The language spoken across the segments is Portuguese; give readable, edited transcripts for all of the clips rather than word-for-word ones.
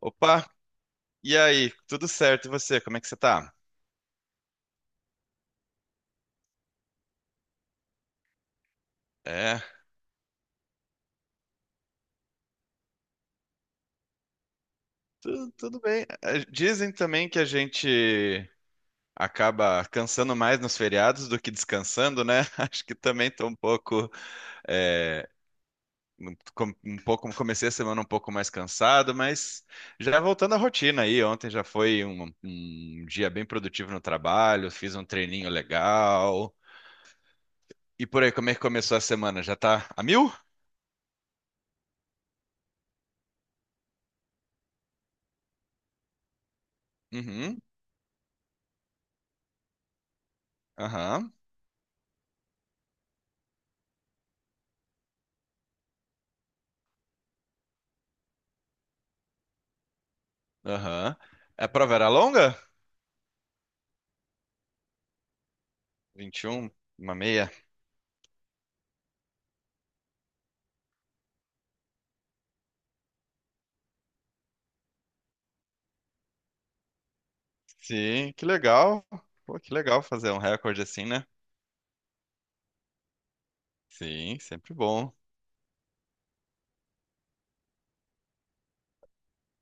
Opa, e aí? Tudo certo? E você? Como é que você tá? É, tudo bem. Dizem também que a gente acaba cansando mais nos feriados do que descansando, né? Acho que também tô um pouco, eh, um pouco, comecei a semana um pouco mais cansado, mas já voltando à rotina aí. Ontem já foi um dia bem produtivo no trabalho, fiz um treininho legal. E por aí, como é que começou a semana? Já tá a mil? Uhum, aham, aham. A prova era longa? 21, uma meia. Sim, que legal. Pô, que legal fazer um recorde assim, né? Sim, sempre bom.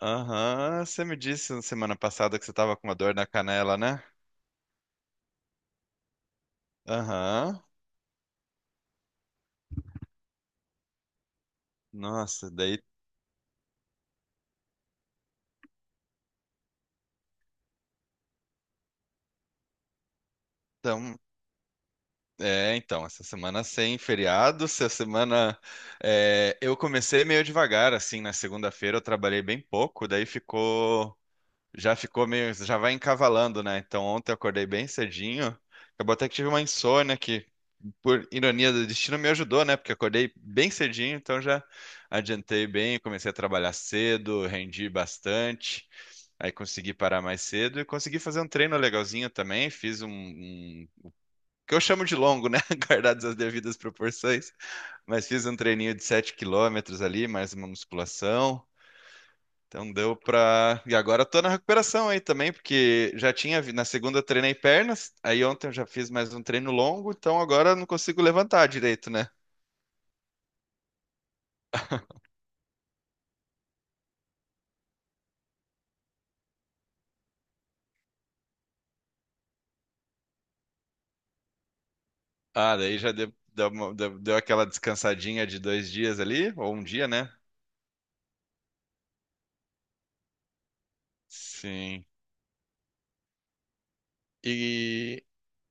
Aham, você me disse na semana passada que você tava com uma dor na canela, né? Aham. Nossa, daí então. É, então, essa semana sem feriado, essa semana. É, eu comecei meio devagar, assim, na segunda-feira eu trabalhei bem pouco, daí ficou. Já ficou meio. Já vai encavalando, né? Então ontem eu acordei bem cedinho. Acabou até que tive uma insônia que, por ironia do destino, me ajudou, né? Porque acordei bem cedinho, então já adiantei bem, comecei a trabalhar cedo, rendi bastante. Aí consegui parar mais cedo e consegui fazer um treino legalzinho também. Fiz um que eu chamo de longo, né? Guardadas as devidas proporções. Mas fiz um treininho de 7 quilômetros ali, mais uma musculação. Então deu pra. E agora eu tô na recuperação aí também, porque já tinha. Na segunda eu treinei pernas, aí ontem eu já fiz mais um treino longo, então agora eu não consigo levantar direito, né? Ah, daí já deu aquela descansadinha de 2 dias ali, ou um dia, né? Sim. E,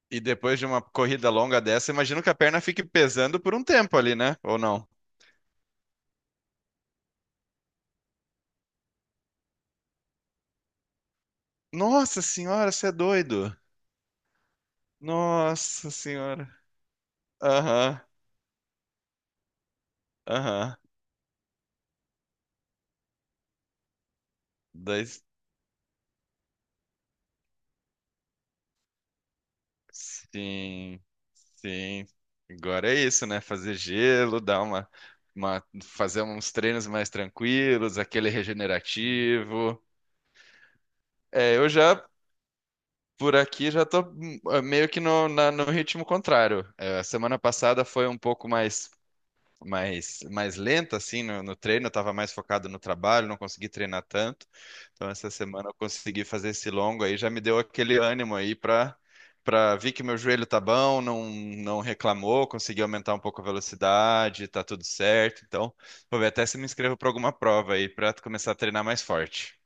e depois de uma corrida longa dessa, imagino que a perna fique pesando por um tempo ali, né? Ou não? Nossa senhora, você é doido. Nossa senhora. Aham, aham. Daí, sim, sim. Agora é isso, né? Fazer gelo, fazer uns treinos mais tranquilos, aquele regenerativo. É, eu já Por aqui já tô meio que no ritmo contrário. É, a semana passada foi um pouco mais mais lenta assim no treino, eu tava mais focado no trabalho, não consegui treinar tanto. Então essa semana eu consegui fazer esse longo aí, já me deu aquele ânimo aí para ver que meu joelho tá bom, não reclamou, consegui aumentar um pouco a velocidade, tá tudo certo. Então, vou ver até se me inscrevo para alguma prova aí para começar a treinar mais forte.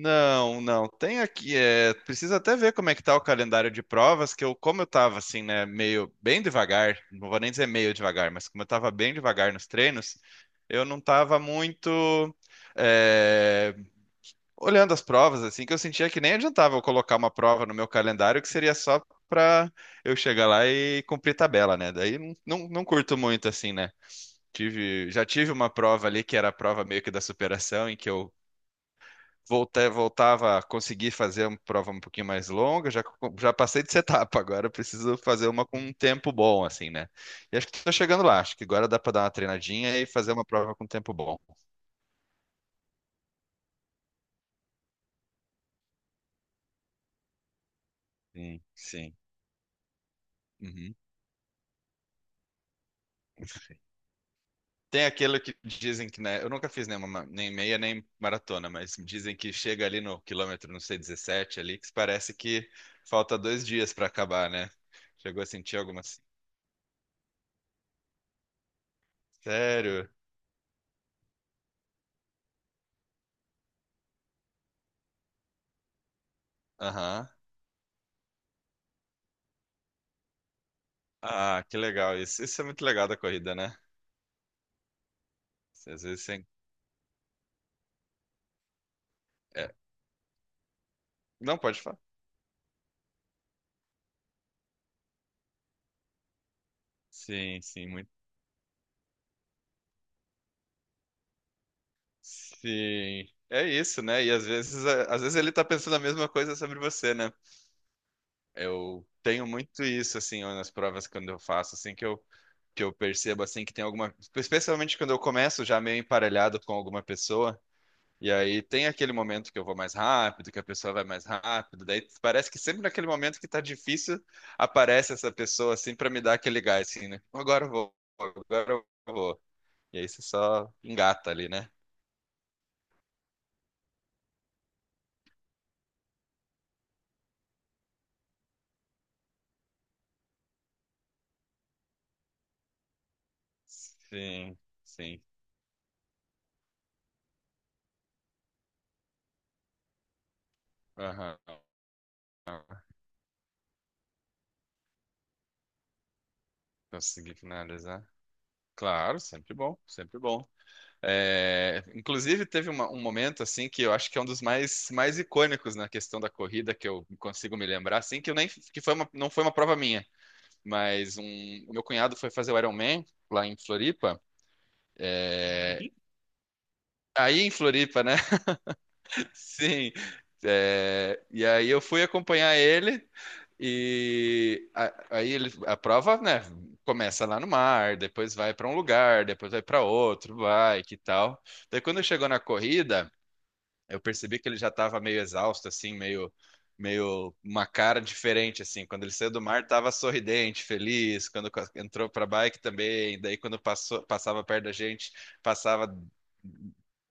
Não, não. Tem aqui, é, precisa até ver como é que tá o calendário de provas, que eu, como eu tava assim, né, meio bem devagar, não vou nem dizer meio devagar, mas como eu tava bem devagar nos treinos, eu não tava muito é, olhando as provas, assim, que eu sentia que nem adiantava eu colocar uma prova no meu calendário, que seria só pra eu chegar lá e cumprir tabela, né? Daí não curto muito, assim, né? Tive, já tive uma prova ali que era a prova meio que da superação, em que eu voltei, voltava a conseguir fazer uma prova um pouquinho mais longa, já, já passei de etapa, agora eu preciso fazer uma com um tempo bom, assim, né? E acho que estou chegando lá, acho que agora dá para dar uma treinadinha e fazer uma prova com tempo bom. Sim, sim. Uhum. Tem aquele que dizem que, né? Eu nunca fiz nenhuma, nem meia nem maratona, mas dizem que chega ali no quilômetro, não sei, 17 ali, que parece que falta 2 dias para acabar, né? Chegou a sentir alguma, assim? Sério? Aham. Ah, que legal isso. Isso é muito legal da corrida, né? Você, às vezes você... é, Não pode falar. Sim, sim, muito. Sim. É isso, né? E às vezes, às vezes ele tá pensando a mesma coisa sobre você, né? Eu tenho muito isso, assim, nas provas quando eu faço, assim, que eu percebo, assim, que tem alguma... Especialmente quando eu começo já meio emparelhado com alguma pessoa. E aí tem aquele momento que eu vou mais rápido, que a pessoa vai mais rápido, daí parece que sempre naquele momento que tá difícil, aparece essa pessoa assim pra me dar aquele gás assim, né? Agora eu vou. E aí você só engata ali, né? Sim, sim. Aham. Consegui finalizar. Claro, sempre bom, sempre bom. É, inclusive teve um momento assim que eu acho que é um dos mais, mais icônicos na questão da corrida que eu consigo me lembrar, assim que eu nem que foi uma, não foi uma prova minha. Mas um, meu cunhado foi fazer o Iron Man lá em Floripa. Aí em Floripa, né? Sim. É, e aí eu fui acompanhar ele aí ele, a prova, né? Começa lá no mar, depois vai para um lugar, depois vai para outro, vai que tal. Daí quando chegou na corrida, eu percebi que ele já estava meio exausto, assim, meio uma cara diferente, assim. Quando ele saiu do mar, estava sorridente, feliz. Entrou para a bike também. Daí, passava perto da gente, passava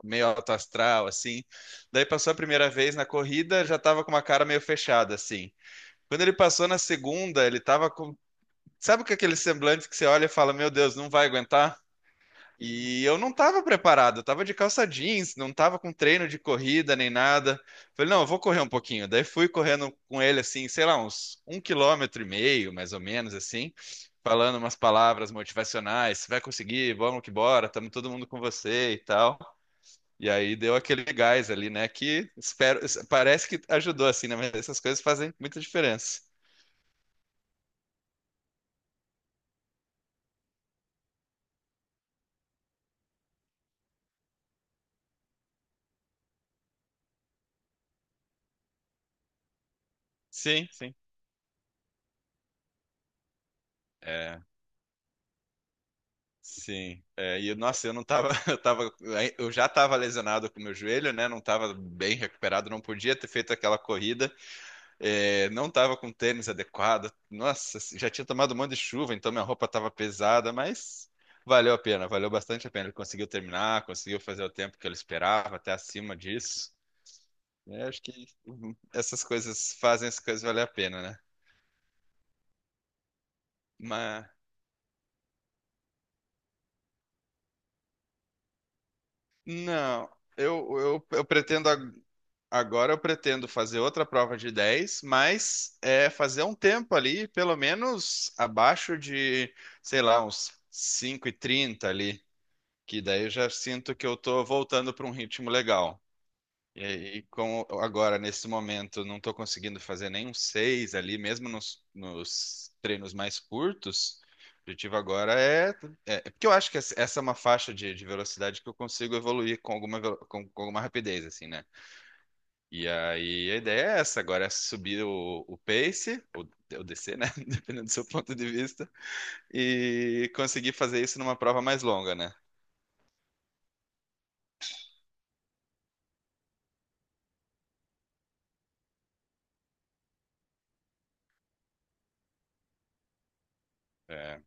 meio alto astral, assim. Daí, passou a primeira vez na corrida, já estava com uma cara meio fechada, assim. Quando ele passou na segunda, ele estava com. Sabe com aquele semblante que você olha e fala: Meu Deus, não vai aguentar? E eu não estava preparado, eu estava de calça jeans, não estava com treino de corrida nem nada. Falei, não, eu vou correr um pouquinho. Daí fui correndo com ele assim, sei lá, uns um quilômetro e meio, mais ou menos assim, falando umas palavras motivacionais, você vai conseguir, vamos que bora, estamos todo mundo com você e tal. E aí deu aquele gás ali, né? Que espero, parece que ajudou assim, né? Mas essas coisas fazem muita diferença. Sim, sim. Sim, é, e nossa, eu não tava, eu tava, eu já tava lesionado com o meu joelho, né? Não tava bem recuperado, não podia ter feito aquela corrida, é, não tava com tênis adequado. Nossa, já tinha tomado um monte de chuva, então minha roupa tava pesada, mas valeu a pena, valeu bastante a pena. Ele conseguiu terminar, conseguiu fazer o tempo que ele esperava, até acima disso. É, acho que essas coisas fazem as coisas valer a pena, né? Mas não, eu pretendo. Agora eu pretendo fazer outra prova de 10, mas é, fazer um tempo ali, pelo menos abaixo de, sei lá, uns 5:30 ali, que daí eu já sinto que eu tô voltando para um ritmo legal. E, e com, agora, nesse momento, não estou conseguindo fazer nem um 6 ali, mesmo nos treinos mais curtos. O objetivo agora é, é. É, porque eu acho que essa é uma faixa de velocidade que eu consigo evoluir com alguma, com alguma rapidez, assim, né? E aí a ideia é essa, agora é subir o pace, ou descer, né? Dependendo do seu ponto de vista, e conseguir fazer isso numa prova mais longa, né? É.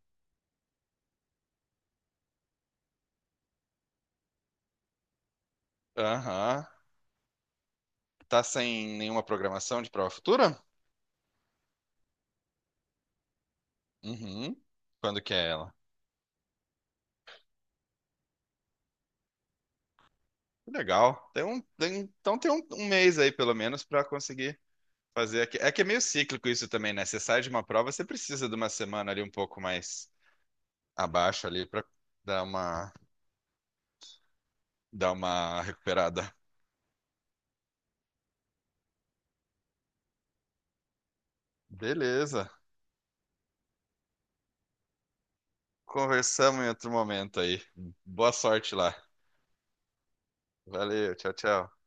Aham. Tá sem nenhuma programação de prova futura? Uhum. Quando que é ela? Que legal. Tem um, então tem um, um mês aí, pelo menos, para conseguir fazer aqui. É que é meio cíclico isso também, né? Você sai de uma prova, você precisa de uma semana ali um pouco mais abaixo ali para dar uma, dar uma recuperada. Beleza. Conversamos em outro momento aí. Boa sorte lá. Valeu, tchau, tchau.